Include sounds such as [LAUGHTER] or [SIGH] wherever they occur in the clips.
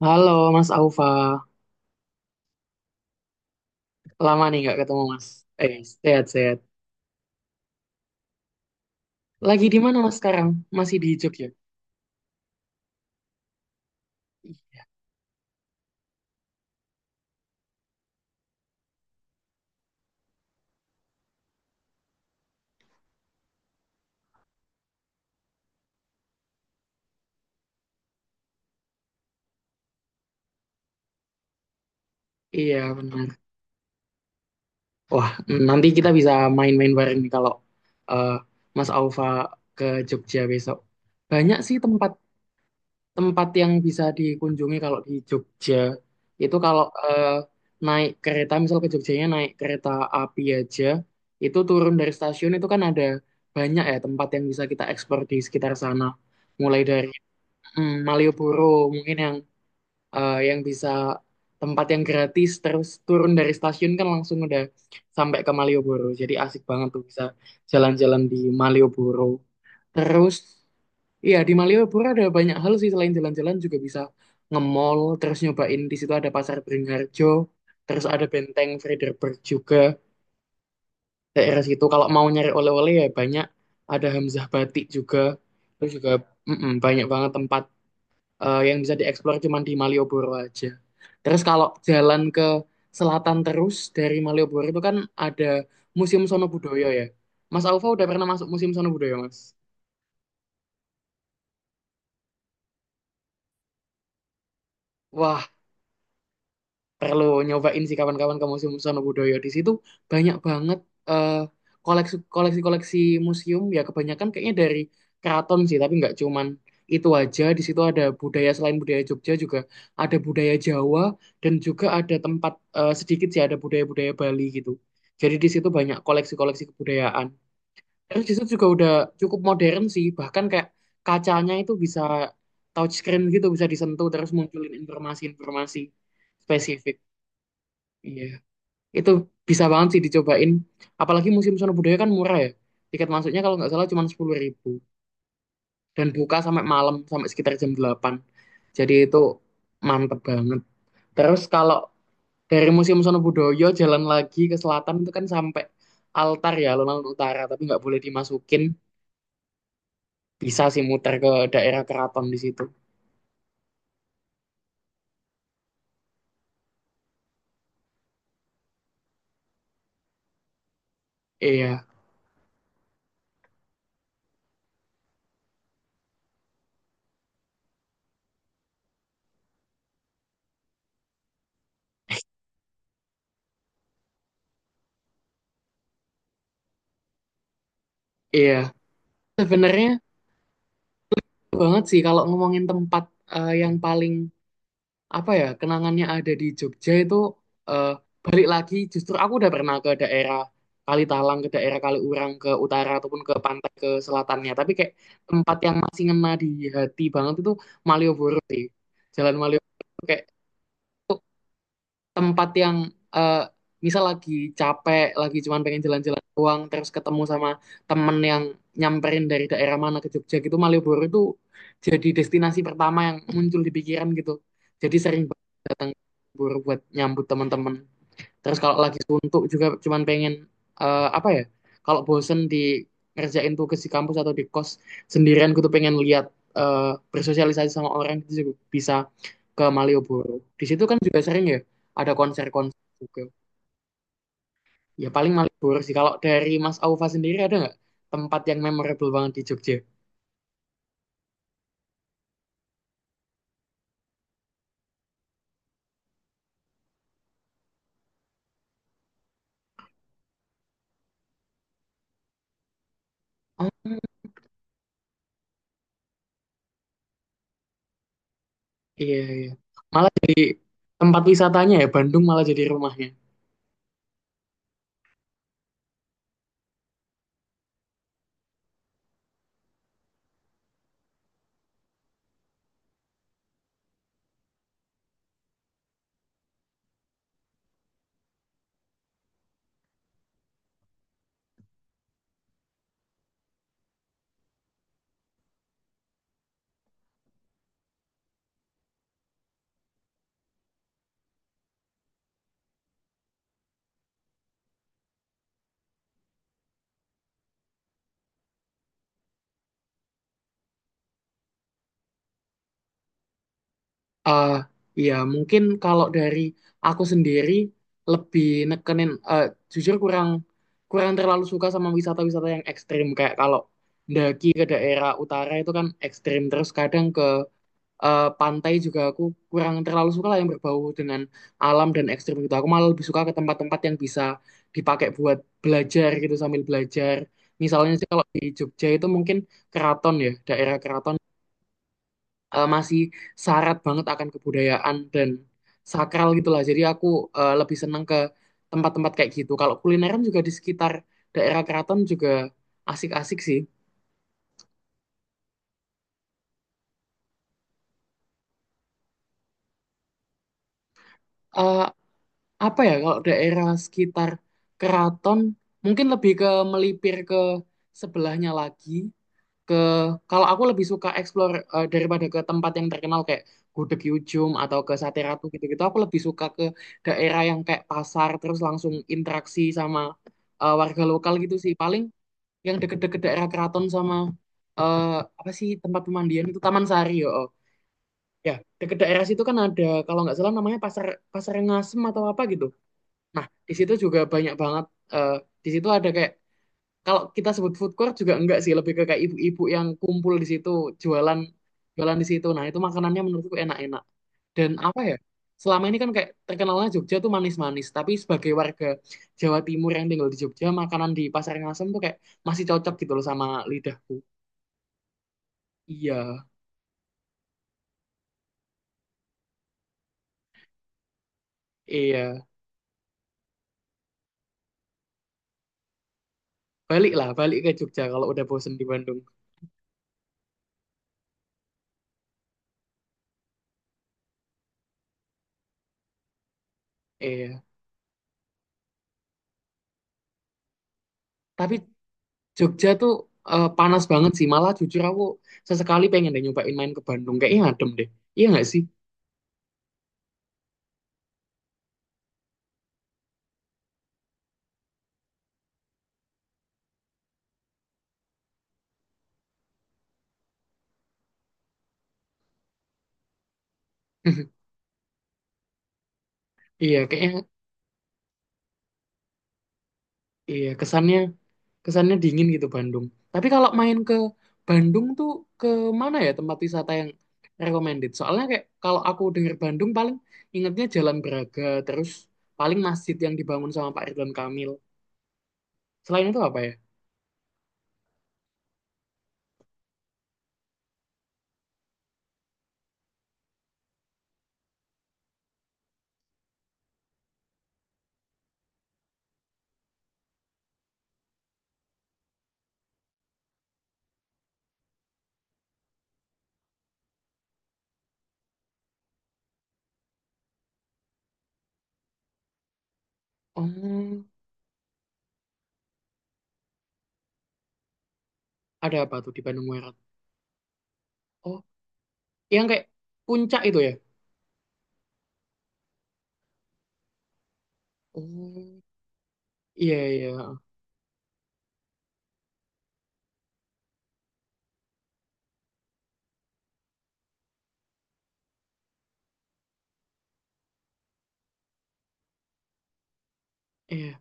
Halo Mas Aufa, lama nih nggak ketemu Mas. Eh, sehat-sehat. Lagi di mana Mas sekarang? Masih di Jogja? Iya benar. Wah, nanti kita bisa main-main bareng nih kalau eh, Mas Aufa ke Jogja besok. Banyak sih tempat-tempat yang bisa dikunjungi kalau di Jogja. Itu kalau naik kereta, misal ke Jogjanya naik kereta api aja, itu turun dari stasiun itu kan ada banyak ya tempat yang bisa kita eksplor di sekitar sana. Mulai dari Malioboro mungkin yang bisa tempat yang gratis terus turun dari stasiun kan langsung udah sampai ke Malioboro. Jadi asik banget tuh bisa jalan-jalan di Malioboro. Terus iya di Malioboro ada banyak hal sih selain jalan-jalan juga bisa nge-mall, terus nyobain di situ ada Pasar Beringharjo, terus ada Benteng Frederberg juga daerah situ. Kalau mau nyari oleh-oleh ya banyak ada Hamzah Batik juga. Terus juga mm-mm, banyak banget tempat yang bisa dieksplor cuma di Malioboro aja. Terus kalau jalan ke selatan terus dari Malioboro itu kan ada Museum Sono Budoyo ya. Mas Alfa udah pernah masuk Museum Sono Budoyo, Mas? Wah, perlu nyobain sih kawan-kawan ke Museum Sonobudoyo. Di situ banyak banget eh, koleksi-koleksi museum ya kebanyakan kayaknya dari keraton sih, tapi nggak cuman itu aja. Di situ ada budaya selain budaya Jogja juga ada budaya Jawa dan juga ada tempat sedikit sih ada budaya-budaya Bali gitu. Jadi di situ banyak koleksi-koleksi kebudayaan. Terus di situ juga udah cukup modern sih, bahkan kayak kacanya itu bisa touchscreen gitu, bisa disentuh terus munculin informasi-informasi spesifik. Iya, itu bisa banget sih dicobain. Apalagi Museum Sono Budaya kan murah ya. Tiket masuknya kalau nggak salah cuma 10 ribu. Dan buka sampai malam, sampai sekitar jam 8. Jadi itu mantep banget. Terus kalau dari Museum Sono Budoyo jalan lagi ke selatan itu kan sampai altar ya, alun-alun utara. Tapi nggak boleh dimasukin. Bisa sih muter ke daerah keraton di situ. Iya, iya. Sebenarnya banget sih kalau ngomongin tempat yang paling apa ya kenangannya ada di Jogja itu eh, balik lagi justru aku udah pernah ke daerah Kalitalang ke daerah Kaliurang ke utara ataupun ke pantai ke selatannya tapi kayak tempat yang masih ngena di hati banget itu Malioboro sih. Jalan Malioboro itu kayak itu tempat yang eh, misal lagi capek, lagi cuman pengen jalan-jalan doang, terus ketemu sama temen yang nyamperin dari daerah mana ke Jogja gitu, Malioboro itu jadi destinasi pertama yang muncul di pikiran gitu. Jadi sering banget datang ke Malioboro buat nyambut teman-teman. Terus kalau lagi suntuk juga cuman pengen apa ya? Kalau bosen di ngerjain tugas di kampus atau di kos sendirian, gue tuh pengen lihat eh, bersosialisasi sama orang itu juga bisa ke Malioboro. Di situ kan juga sering ya ada konser-konser juga. Ya paling Malioboro sih. Kalau dari Mas Aufa sendiri ada nggak tempat yang memorable banget di Jogja? Ah, iya iya. Malah jadi tempat wisatanya ya Bandung malah jadi rumahnya. eh ya mungkin kalau dari aku sendiri lebih nekenin jujur kurang kurang terlalu suka sama wisata-wisata yang ekstrim kayak kalau daki ke daerah utara itu kan ekstrim terus kadang ke pantai juga aku kurang terlalu suka lah yang berbau dengan alam dan ekstrim gitu aku malah lebih suka ke tempat-tempat yang bisa dipakai buat belajar gitu sambil belajar misalnya sih kalau di Jogja itu mungkin keraton ya daerah keraton masih syarat banget akan kebudayaan dan sakral gitulah. Jadi aku lebih senang ke tempat-tempat kayak gitu. Kalau kulineran juga di sekitar daerah keraton juga asik-asik sih. Eh, apa ya kalau daerah sekitar keraton mungkin lebih ke melipir ke sebelahnya lagi ke kalau aku lebih suka explore daripada ke tempat yang terkenal kayak Gudeg Yujum atau ke Sate Ratu gitu-gitu aku lebih suka ke daerah yang kayak pasar terus langsung interaksi sama warga lokal gitu sih paling yang deket-deket daerah keraton sama eh, apa sih tempat pemandian itu Taman Sari yo oh. Ya deket daerah situ kan ada kalau nggak salah namanya pasar pasar Ngasem atau apa gitu nah di situ juga banyak banget eh, di situ ada kayak kalau kita sebut food court juga enggak sih lebih ke kayak ibu-ibu yang kumpul di situ jualan jualan di situ nah itu makanannya menurutku enak-enak dan apa ya selama ini kan kayak terkenalnya Jogja tuh manis-manis tapi sebagai warga Jawa Timur yang tinggal di Jogja makanan di Pasar Ngasem tuh kayak masih cocok gitu loh sama lidahku. Iya iya. Baliklah balik ke Jogja kalau udah bosen di Bandung. Iya, tapi Jogja tuh panas banget sih malah jujur aku sesekali pengen deh nyobain main ke Bandung kayaknya adem deh, iya nggak sih? [LAUGHS] Iya, kayaknya iya kesannya kesannya dingin gitu Bandung. Tapi kalau main ke Bandung tuh ke mana ya tempat wisata yang recommended? Soalnya kayak kalau aku denger Bandung paling ingetnya Jalan Braga, terus paling masjid yang dibangun sama Pak Ridwan Kamil. Selain itu apa ya? Oh, ada apa tuh di Bandung Barat? Oh, yang kayak puncak itu ya? Oh, iya iya iya. Iya,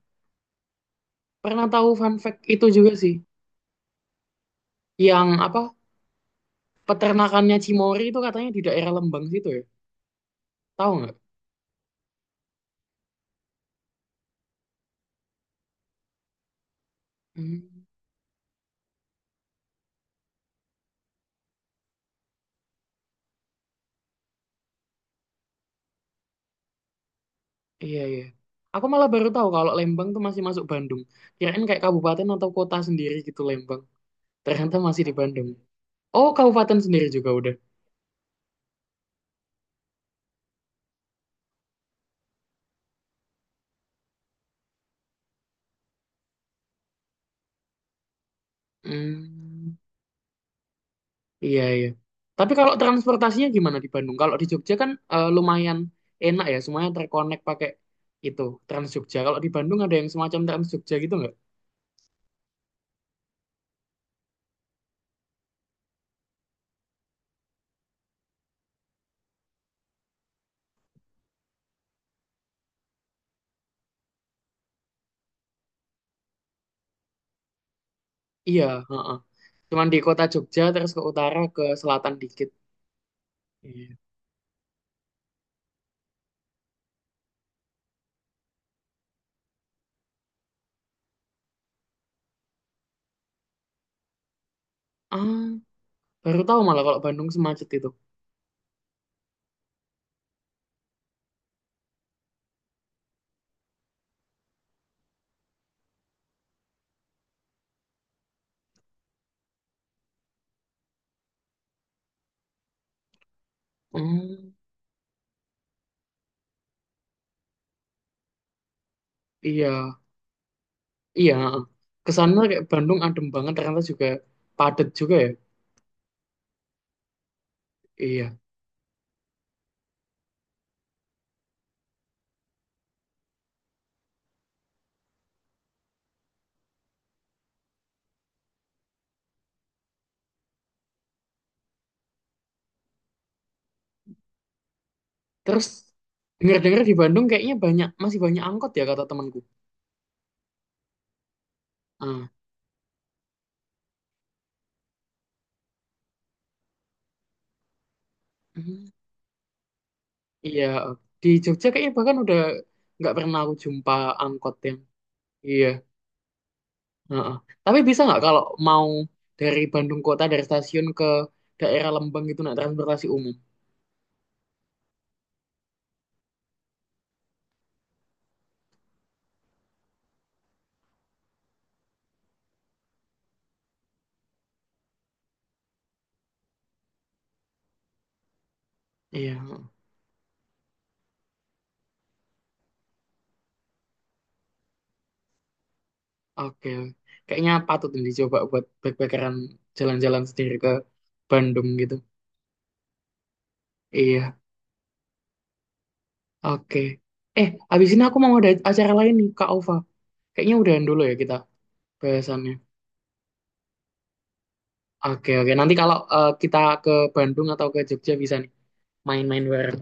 pernah tahu fun fact itu juga sih. Yang apa? Peternakannya Cimory itu katanya di daerah Lembang situ ya? Tahu nggak? Hmm, iya iya. Aku malah baru tahu kalau Lembang tuh masih masuk Bandung. Kirain kayak kabupaten atau kota sendiri gitu Lembang. Ternyata masih di Bandung. Oh, kabupaten sendiri juga udah. Hmm, iya iya. Tapi kalau transportasinya gimana di Bandung? Kalau di Jogja kan lumayan enak ya, semuanya terkonek pakai itu Trans Jogja. Kalau di Bandung ada yang semacam Trans Jogja gitu nggak? Iya, heeh. Cuman di kota Jogja terus ke utara ke selatan dikit. Iya. Ah, baru tahu malah kalau Bandung semacet itu. Hmm. Iya, iya. Heeh. Kesannya kayak Bandung adem banget, ternyata juga padat juga ya. Iya. Terus dengar-dengar di Bandung kayaknya banyak masih banyak angkot ya kata temanku. Ah, mhm. Iya. Di Jogja kayaknya bahkan udah nggak pernah aku jumpa angkot yang. Iya, heeh. Tapi bisa nggak kalau mau dari Bandung kota dari stasiun ke daerah Lembang gitu naik transportasi umum? Iya, heeh. Oke. Kayaknya patut nih dicoba buat backpackeran jalan-jalan sendiri ke Bandung gitu. Iya. Oke. Abis ini aku mau ada acara lain nih, Kak Ova. Kayaknya udahan dulu ya kita bahasannya. Oke, oke. Nanti kalau kita ke Bandung atau ke Jogja bisa nih main-main bareng.